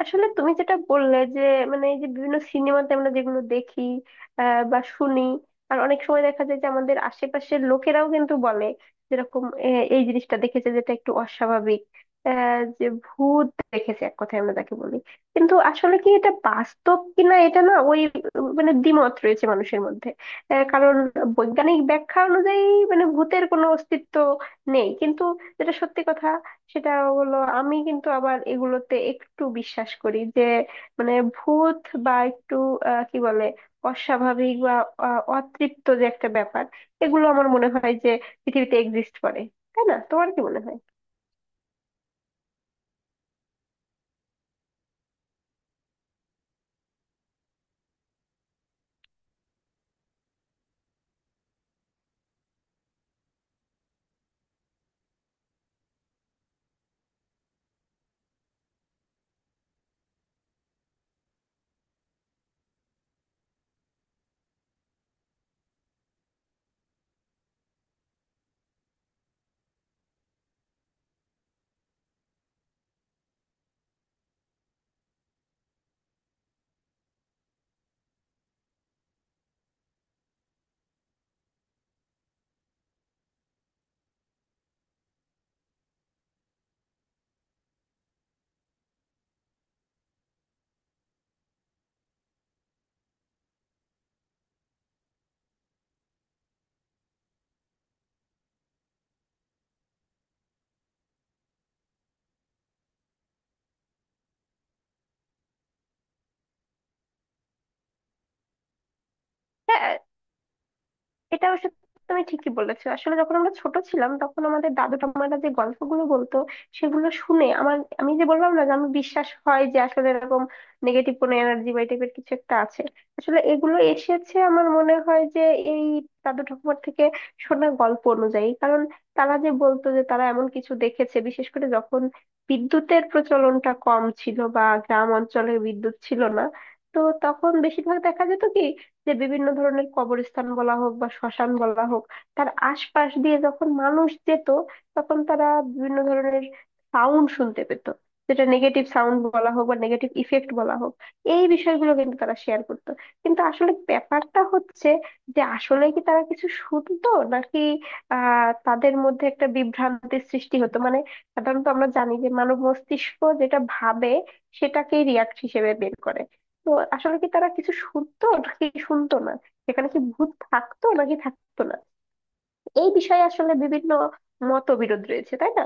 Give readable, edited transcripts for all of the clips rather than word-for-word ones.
আসলে তুমি যেটা বললে যে, মানে এই যে বিভিন্ন সিনেমাতে আমরা যেগুলো দেখি বা শুনি। আর অনেক সময় দেখা যায় যে আমাদের আশেপাশের লোকেরাও কিন্তু বলে যেরকম এই জিনিসটা দেখেছে যেটা একটু অস্বাভাবিক, যে ভূত দেখেছে, এক কথায় আমরা তাকে বলি। কিন্তু আসলে কি এটা বাস্তব কিনা, এটা না ওই মানে দ্বিমত রয়েছে মানুষের মধ্যে। কারণ বৈজ্ঞানিক ব্যাখ্যা অনুযায়ী মানে ভূতের কোনো অস্তিত্ব নেই। কিন্তু যেটা সত্যি কথা সেটা হলো, আমি কিন্তু আবার এগুলোতে একটু বিশ্বাস করি যে মানে ভূত বা একটু কি বলে, অস্বাভাবিক বা অতৃপ্ত যে একটা ব্যাপার, এগুলো আমার মনে হয় যে পৃথিবীতে এক্সিস্ট করে। তাই না? তোমার কি মনে হয়? হ্যাঁ, এটা অবশ্য তুমি ঠিকই বলেছো। আসলে যখন আমরা ছোট ছিলাম তখন আমাদের দাদু ঠাম্মারা যে গল্পগুলো বলতো সেগুলো শুনে আমার, আমি যে বললাম না যে আমি বিশ্বাস হয় যে আসলে এরকম নেগেটিভ কোনো এনার্জি বা এই টাইপের কিছু একটা আছে। আসলে এগুলো এসেছে আমার মনে হয় যে এই দাদু ঠাকুমার থেকে শোনা গল্প অনুযায়ী। কারণ তারা যে বলতো যে তারা এমন কিছু দেখেছে, বিশেষ করে যখন বিদ্যুতের প্রচলনটা কম ছিল বা গ্রাম অঞ্চলে বিদ্যুৎ ছিল না, তো তখন বেশিরভাগ দেখা যেত কি, যে বিভিন্ন ধরনের কবরস্থান বলা হোক বা শ্মশান বলা হোক, তার আশপাশ দিয়ে যখন মানুষ যেত তখন তারা বিভিন্ন ধরনের সাউন্ড শুনতে পেত, যেটা নেগেটিভ সাউন্ড বলা হোক বা নেগেটিভ ইফেক্ট বলা হোক। এই বিষয়গুলো কিন্তু তারা শেয়ার করতো। কিন্তু আসলে ব্যাপারটা হচ্ছে যে আসলে কি তারা কিছু শুনতো, নাকি তাদের মধ্যে একটা বিভ্রান্তির সৃষ্টি হতো, মানে সাধারণত আমরা জানি যে মানব মস্তিষ্ক যেটা ভাবে সেটাকেই রিয়াক্ট হিসেবে বের করে। তো আসলে কি তারা কিছু শুনতো নাকি শুনতো না, সেখানে কি ভূত থাকতো নাকি থাকতো না, এই বিষয়ে আসলে বিভিন্ন মতবিরোধ রয়েছে। তাই না?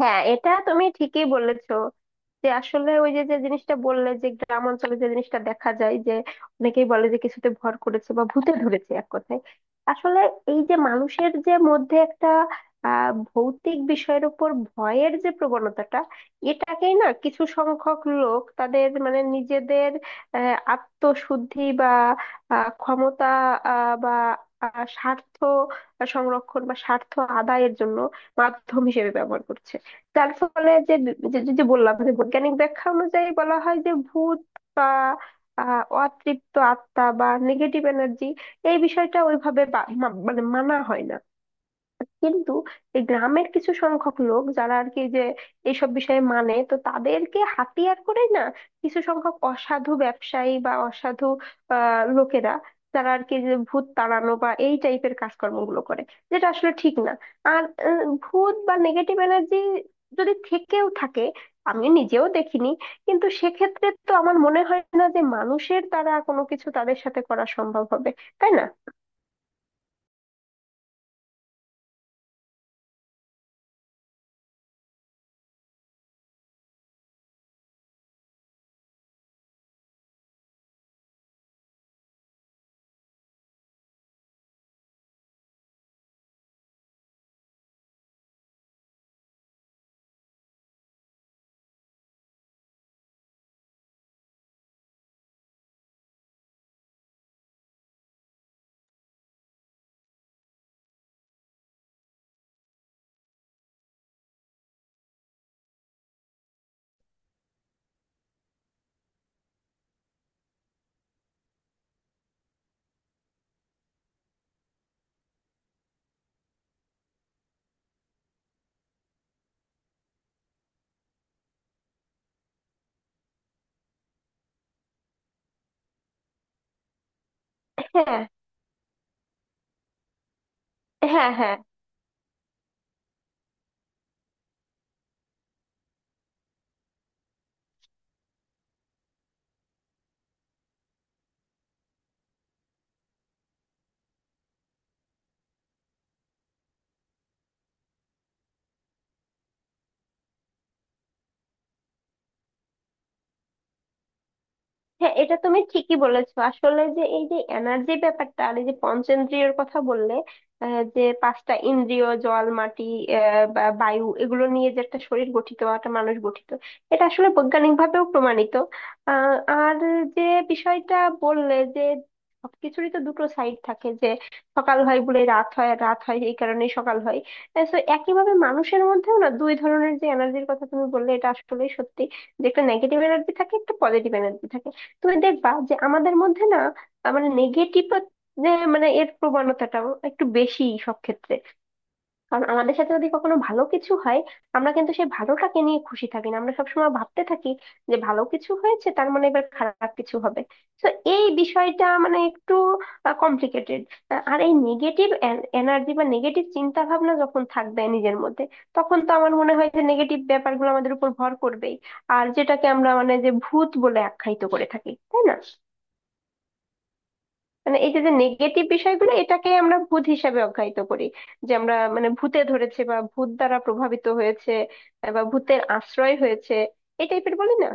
হ্যাঁ, এটা তুমি ঠিকই বলেছো। যে আসলে ওই যে যে জিনিসটা বললে যে গ্রাম অঞ্চলে যে জিনিসটা দেখা যায়, যে অনেকেই বলে যে কিছুতে ভর করেছে বা ভূতে ধরেছে, এক কথায় আসলে এই যে মানুষের যে মধ্যে একটা ভৌতিক বিষয়ের উপর ভয়ের যে প্রবণতাটা, এটাকেই না কিছু সংখ্যক লোক তাদের মানে নিজেদের আত্মশুদ্ধি বা ক্ষমতা বা স্বার্থ সংরক্ষণ বা স্বার্থ আদায়ের জন্য মাধ্যম হিসেবে ব্যবহার করছে। যার ফলে যে বললাম যে বৈজ্ঞানিক ব্যাখ্যা অনুযায়ী বলা হয় যে ভূত বা অতৃপ্ত আত্মা বা নেগেটিভ এনার্জি, এই বিষয়টা ওইভাবে মানে মানা হয় না। কিন্তু এই গ্রামের কিছু সংখ্যক লোক যারা আর কি যে এইসব বিষয়ে মানে, তো তাদেরকে হাতিয়ার করে না কিছু সংখ্যক অসাধু ব্যবসায়ী বা অসাধু আহ লোকেরা, যারা আর কি যে ভূত তাড়ানো বা এই টাইপের কাজকর্মগুলো করে, যেটা আসলে ঠিক না। আর ভূত বা নেগেটিভ এনার্জি যদি থেকেও থাকে, আমি নিজেও দেখিনি, কিন্তু সেক্ষেত্রে তো আমার মনে হয় না যে মানুষের দ্বারা কোনো কিছু তাদের সাথে করা সম্ভব হবে। তাই না? হ্যাঁ, হ্যাঁ, হ্যাঁ, হ্যাঁ, এটা তুমি ঠিকই বলেছো। আসলে যে এই যে এনার্জি ব্যাপারটা আর এই যে পঞ্চেন্দ্রিয়র কথা বললে, যে পাঁচটা ইন্দ্রিয় জল মাটি বা বায়ু, এগুলো নিয়ে যে একটা শরীর গঠিত বা একটা মানুষ গঠিত, এটা আসলে বৈজ্ঞানিক ভাবেও প্রমাণিত। আর যে বিষয়টা বললে যে সবকিছুরই তো দুটো সাইড থাকে, যে সকাল হয় বলে রাত হয় আর রাত হয় এই কারণেই সকাল হয়। তো একইভাবে মানুষের মধ্যেও না দুই ধরনের যে এনার্জির কথা তুমি বললে, এটা আসলে সত্যি যে একটা নেগেটিভ এনার্জি থাকে, একটা পজিটিভ এনার্জি থাকে। তুমি দেখবা যে আমাদের মধ্যে না মানে নেগেটিভ যে মানে এর প্রবণতাটা একটু বেশি সব ক্ষেত্রে। কারণ আমাদের সাথে যদি কখনো ভালো কিছু হয়, আমরা কিন্তু সেই ভালোটাকে নিয়ে খুশি থাকি না, আমরা সবসময় ভাবতে থাকি যে ভালো কিছু হয়েছে তার মানে এবার খারাপ কিছু হবে। তো এই বিষয়টা মানে একটু কমপ্লিকেটেড। আর এই নেগেটিভ এনার্জি বা নেগেটিভ চিন্তা ভাবনা যখন থাকবে নিজের মধ্যে, তখন তো আমার মনে হয় যে নেগেটিভ ব্যাপারগুলো আমাদের উপর ভর করবেই। আর যেটাকে আমরা মানে যে ভূত বলে আখ্যায়িত করে থাকি, তাই না? মানে এই যে যে নেগেটিভ বিষয়গুলো এটাকে আমরা ভূত হিসাবে অখ্যায়িত করি। যে আমরা মানে ভূতে ধরেছে বা ভূত দ্বারা প্রভাবিত হয়েছে বা ভূতের আশ্রয় হয়েছে, এই টাইপের বলি না।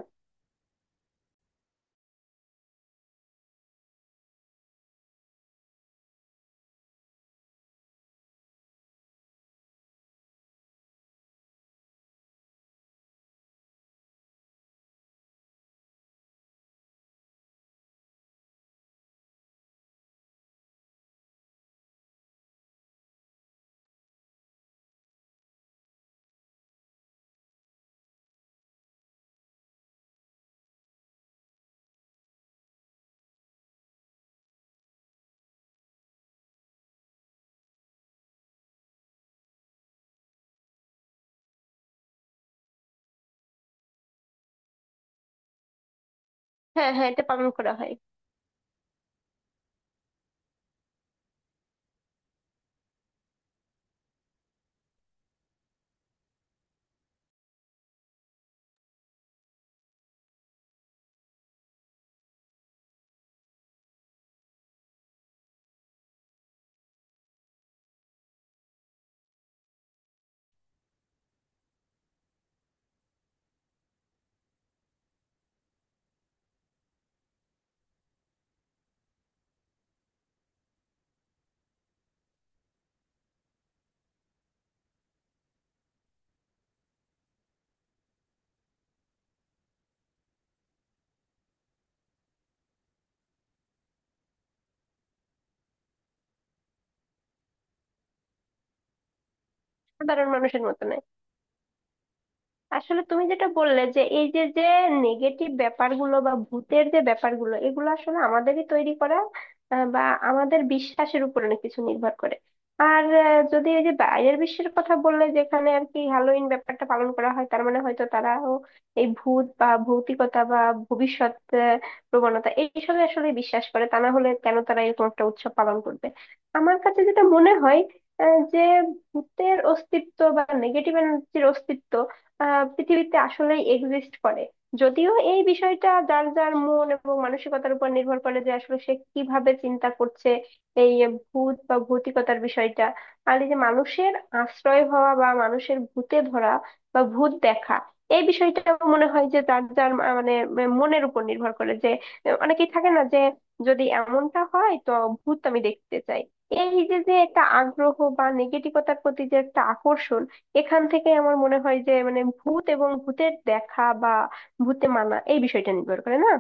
হ্যাঁ, হ্যাঁ, এটা পালন করা হয়। সাধারণ মানুষের মতো নয়। আসলে তুমি যেটা বললে যে এই যে যে নেগেটিভ ব্যাপারগুলো বা ভূতের যে ব্যাপারগুলো, এগুলো আসলে আমাদেরই তৈরি করা বা আমাদের বিশ্বাসের উপর অনেক কিছু নির্ভর করে। আর যদি এই যে বাইরের বিশ্বের কথা বললে যেখানে আর কি হ্যালোইন ব্যাপারটা পালন করা হয়, তার মানে হয়তো তারাও এই ভূত বা ভৌতিকতা বা ভবিষ্যৎ আহ, প্রবণতা এইসবে আসলে বিশ্বাস করে, তা না হলে কেন তারা এরকম একটা উৎসব পালন করবে? আমার কাছে যেটা মনে হয়, যে ভূতের অস্তিত্ব বা নেগেটিভ এনার্জির অস্তিত্ব পৃথিবীতে আসলেই এক্সিস্ট করে। যদিও এই বিষয়টা যার যার মন এবং মানসিকতার উপর নির্ভর করে যে আসলে সে কিভাবে চিন্তা করছে এই ভূত বা ভৌতিকতার বিষয়টা। আর এই যে মানুষের আশ্রয় হওয়া বা মানুষের ভূতে ধরা বা ভূত দেখা এই বিষয়টা মনে হয় যে যার যার মানে মনের উপর নির্ভর করে, যে অনেকেই থাকে না, যে যদি এমনটা হয় তো ভূত আমি দেখতে চাই। এই যে যে একটা আগ্রহ বা নেগেটিভতার প্রতি যে একটা আকর্ষণ, এখান থেকে আমার মনে হয় যে মানে ভূত এবং ভূতের দেখা বা ভূতে মানা, এই বিষয়টা নির্ভর করে না।